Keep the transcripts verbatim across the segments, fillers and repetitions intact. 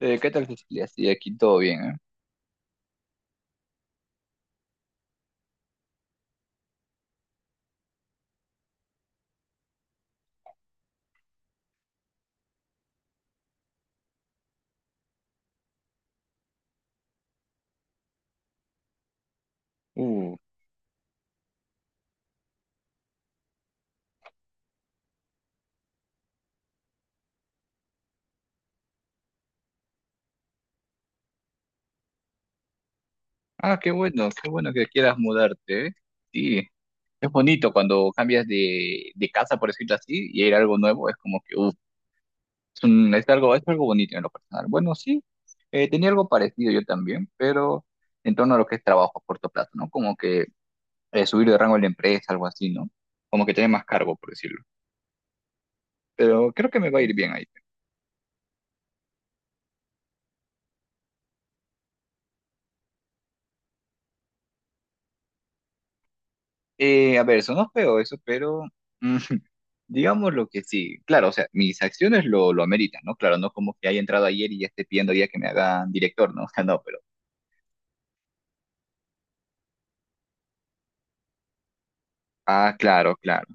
Eh, ¿qué tal, Cecilia? Sí, aquí todo bien, ¿eh? Uh, ah, qué bueno, qué bueno que quieras mudarte, ¿eh? Sí, es bonito cuando cambias de, de casa, por decirlo así, y ir a algo nuevo, es como que, uh, es un- es algo, es algo bonito en lo personal. Bueno, sí, eh, tenía algo parecido yo también, pero en torno a lo que es trabajo a corto plazo, ¿no? Como que eh, subir de rango en la empresa, algo así, ¿no? Como que tener más cargo, por decirlo. Pero creo que me va a ir bien ahí. Eh, a ver, sonó feo eso, pero Digamos lo que sí, claro, o sea, mis acciones lo, lo ameritan, ¿no? Claro, no como que haya entrado ayer y ya esté pidiendo ya que me hagan director, ¿no? O sea, no, pero... Ah, claro, claro.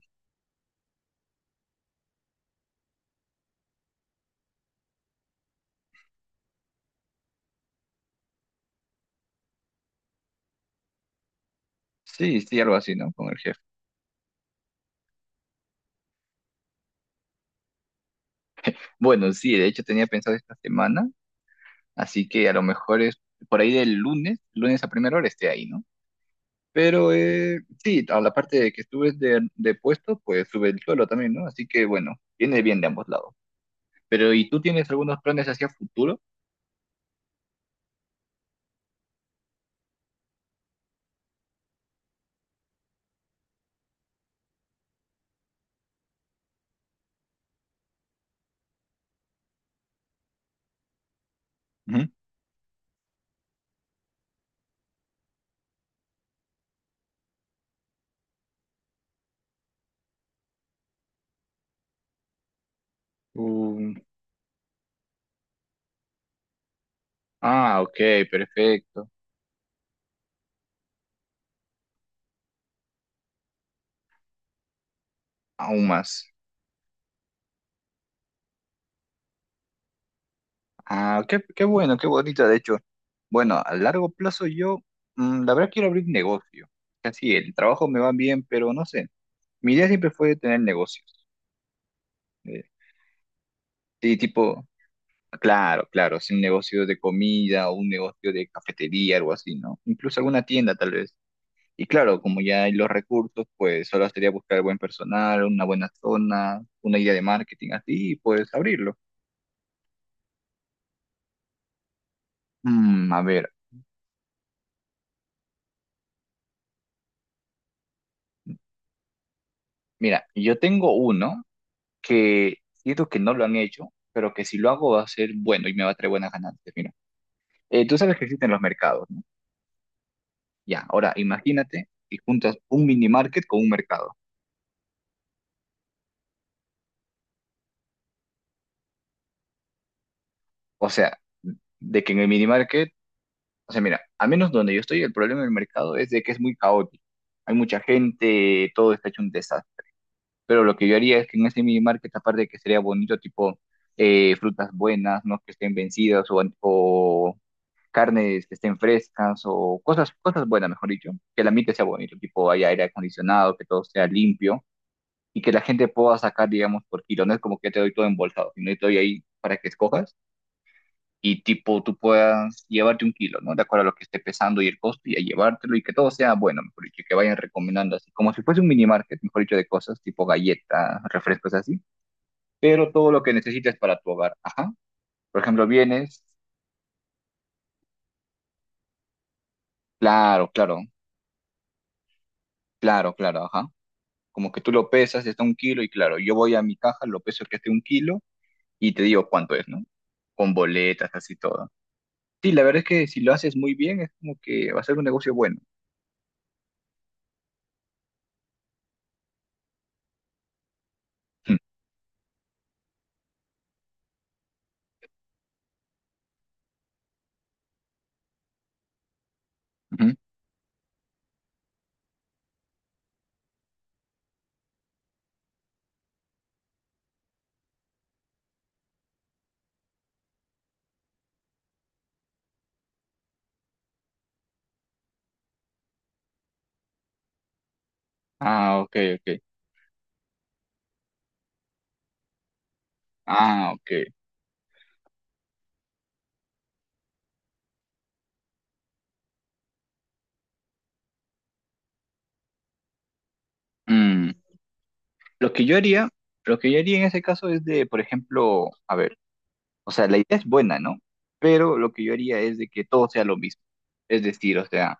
Sí, sí, algo así, ¿no? Con el jefe. Bueno, sí, de hecho tenía pensado esta semana, así que a lo mejor es por ahí del lunes, lunes a primera hora esté ahí, ¿no? Pero eh, sí, a la parte de que subes de, de puesto, pues sube el suelo también, ¿no? Así que bueno, viene bien de ambos lados. Pero, ¿y tú tienes algunos planes hacia futuro? Ujú. Mm, ah, ok, perfecto. Aún más. Ah, qué, qué bueno, qué bonito, de hecho. Bueno, a largo plazo yo, mm, la verdad quiero abrir negocio. Casi el trabajo me va bien, pero no sé. Mi idea siempre fue tener negocios. Eh, sí, tipo, claro, claro, sí, un negocio de comida o un negocio de cafetería, algo así, ¿no? Incluso alguna tienda tal vez. Y claro, como ya hay los recursos, pues solo sería buscar buen personal, una buena zona, una idea de marketing así, y pues abrirlo. Mm, a ver, mira, yo tengo uno. Que siento que no lo han hecho, pero que si lo hago va a ser bueno y me va a traer buenas ganancias. Mira, eh, tú sabes que existen los mercados, ¿no? Ya, ahora imagínate y juntas un mini market con un mercado. O sea, de que en el mini market, o sea, mira, al menos donde yo estoy, el problema del mercado es de que es muy caótico. Hay mucha gente, todo está hecho un desastre. Pero lo que yo haría es que en ese mini market, aparte de que sería bonito, tipo eh, frutas buenas, no que estén vencidas o, o carnes que estén frescas o cosas, cosas buenas, mejor dicho, que el ambiente sea bonito, tipo haya aire acondicionado, que todo sea limpio y que la gente pueda sacar, digamos, por kilo. No es como que te doy todo embolsado, sino que te doy ahí para que escojas y tipo tú puedas llevarte un kilo, ¿no? De acuerdo a lo que esté pesando y el costo y a llevártelo y que todo sea bueno, mejor dicho, que vayan recomendando así, como si fuese un mini market, mejor dicho, de cosas tipo galletas, refrescos así, pero todo lo que necesites para tu hogar, ajá. Por ejemplo, vienes, claro, claro, claro, claro, ajá. Como que tú lo pesas, está un kilo, y claro, yo voy a mi caja, lo peso que esté un kilo, y te digo cuánto es, ¿no? Con boletas, así todo. Sí, la verdad es que si lo haces muy bien, es como que va a ser un negocio bueno. Mm, ujú. Ah, ok, ok. Ah, ok. Mm. Lo que yo haría, lo que yo haría en ese caso es de, por ejemplo, a ver, o sea, la idea es buena, ¿no? Pero lo que yo haría es de que todo sea lo mismo. Es decir, o sea,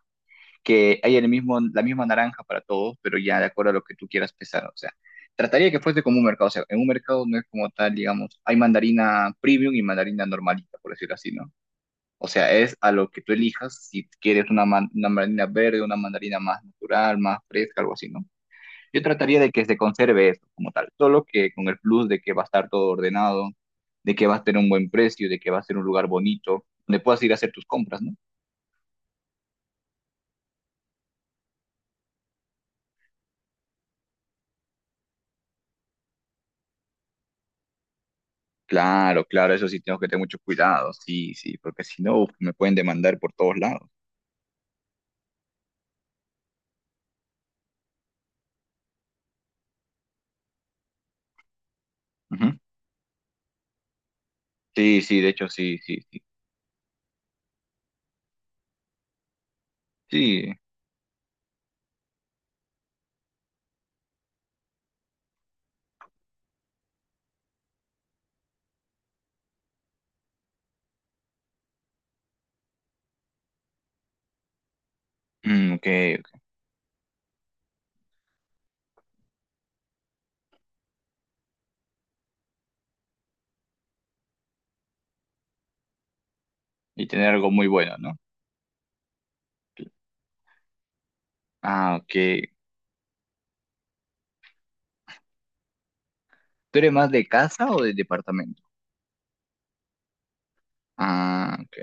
que hay el mismo, la misma naranja para todos, pero ya de acuerdo a lo que tú quieras pesar. O sea, trataría de que fuese como un mercado. O sea, en un mercado no es como tal, digamos, hay mandarina premium y mandarina normalita, por decirlo así, ¿no? O sea, es a lo que tú elijas, si quieres una, man- una mandarina verde, una mandarina más natural, más fresca, algo así, ¿no? Yo trataría de que se conserve eso como tal, solo que con el plus de que va a estar todo ordenado, de que va a tener un buen precio, de que va a ser un lugar bonito, donde puedas ir a hacer tus compras, ¿no? Claro, claro, eso sí tengo que tener mucho cuidado, sí, sí, porque si no, uf, me pueden demandar por todos lados. Ujú. Sí, sí, de hecho, sí, sí, sí, sí, mm, ok, ok. Y tener algo muy bueno, ¿no? Ah, ok. ¿Tú eres más de casa o de departamento? Ah, ok,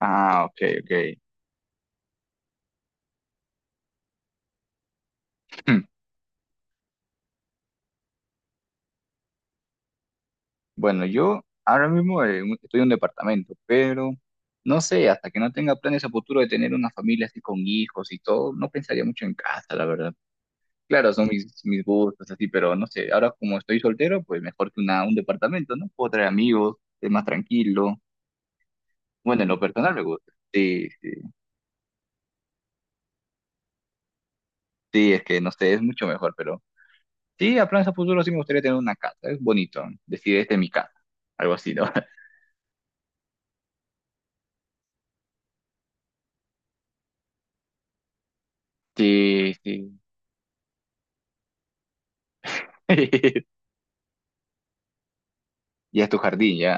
ah, ok, ok. Hmm. Bueno, yo ahora mismo eh, un- estoy en un departamento, pero no sé, hasta que no tenga planes a futuro de tener una familia así con hijos y todo, no pensaría mucho en casa, la verdad. Claro, son mis, mis gustos, así, pero no sé, ahora como estoy soltero, pues mejor que una, un departamento, ¿no? Puedo traer amigos, es más tranquilo. Bueno, en lo personal me gusta. Sí, sí, sí, es que no sé, es mucho mejor, pero sí, a planes a futuro sí me gustaría tener una casa, es bonito, ¿no? Decir, este es mi casa, algo así, ¿no? Sí, sí. Ya es tu jardín, ya.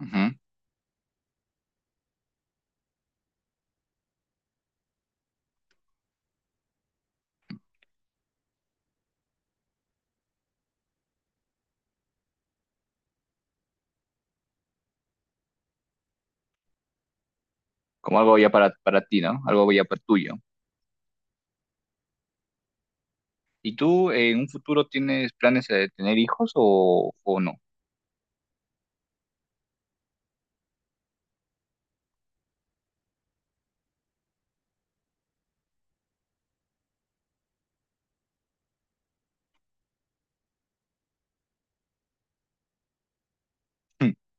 Ujú. Como algo ya para, para ti, ¿no? Algo ya para tuyo. ¿Y tú eh, en un futuro tienes planes de tener hijos o, o no?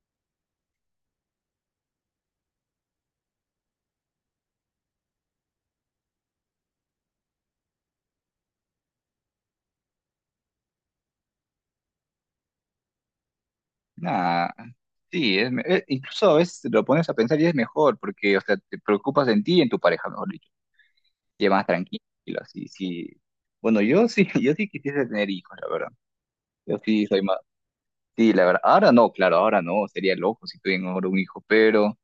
Nada, sí, es, me- eh, incluso a veces lo pones a pensar y es mejor, porque, o sea, te preocupas en ti y en tu pareja, mejor dicho, y es más tranquilo, sí, sí. Bueno, yo sí, yo sí quisiese tener hijos, la verdad. Yo sí soy más, sí, la verdad. Ahora no, claro, ahora no, sería loco si tuviera ahora un hijo, pero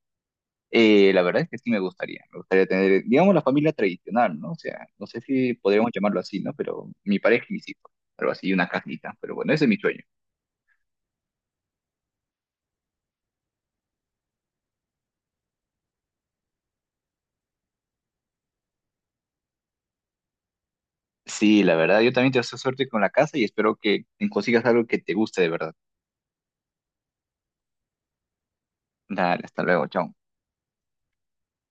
eh, la verdad es que sí me gustaría, me gustaría tener, digamos, la familia tradicional, ¿no? O sea, no sé si podríamos llamarlo así, ¿no? Pero mi pareja y mis hijos, algo así, una casita, pero bueno, ese es mi sueño. Sí, la verdad, yo también te deseo suerte con la casa y espero que consigas algo que te guste de verdad. Dale, hasta luego, chao.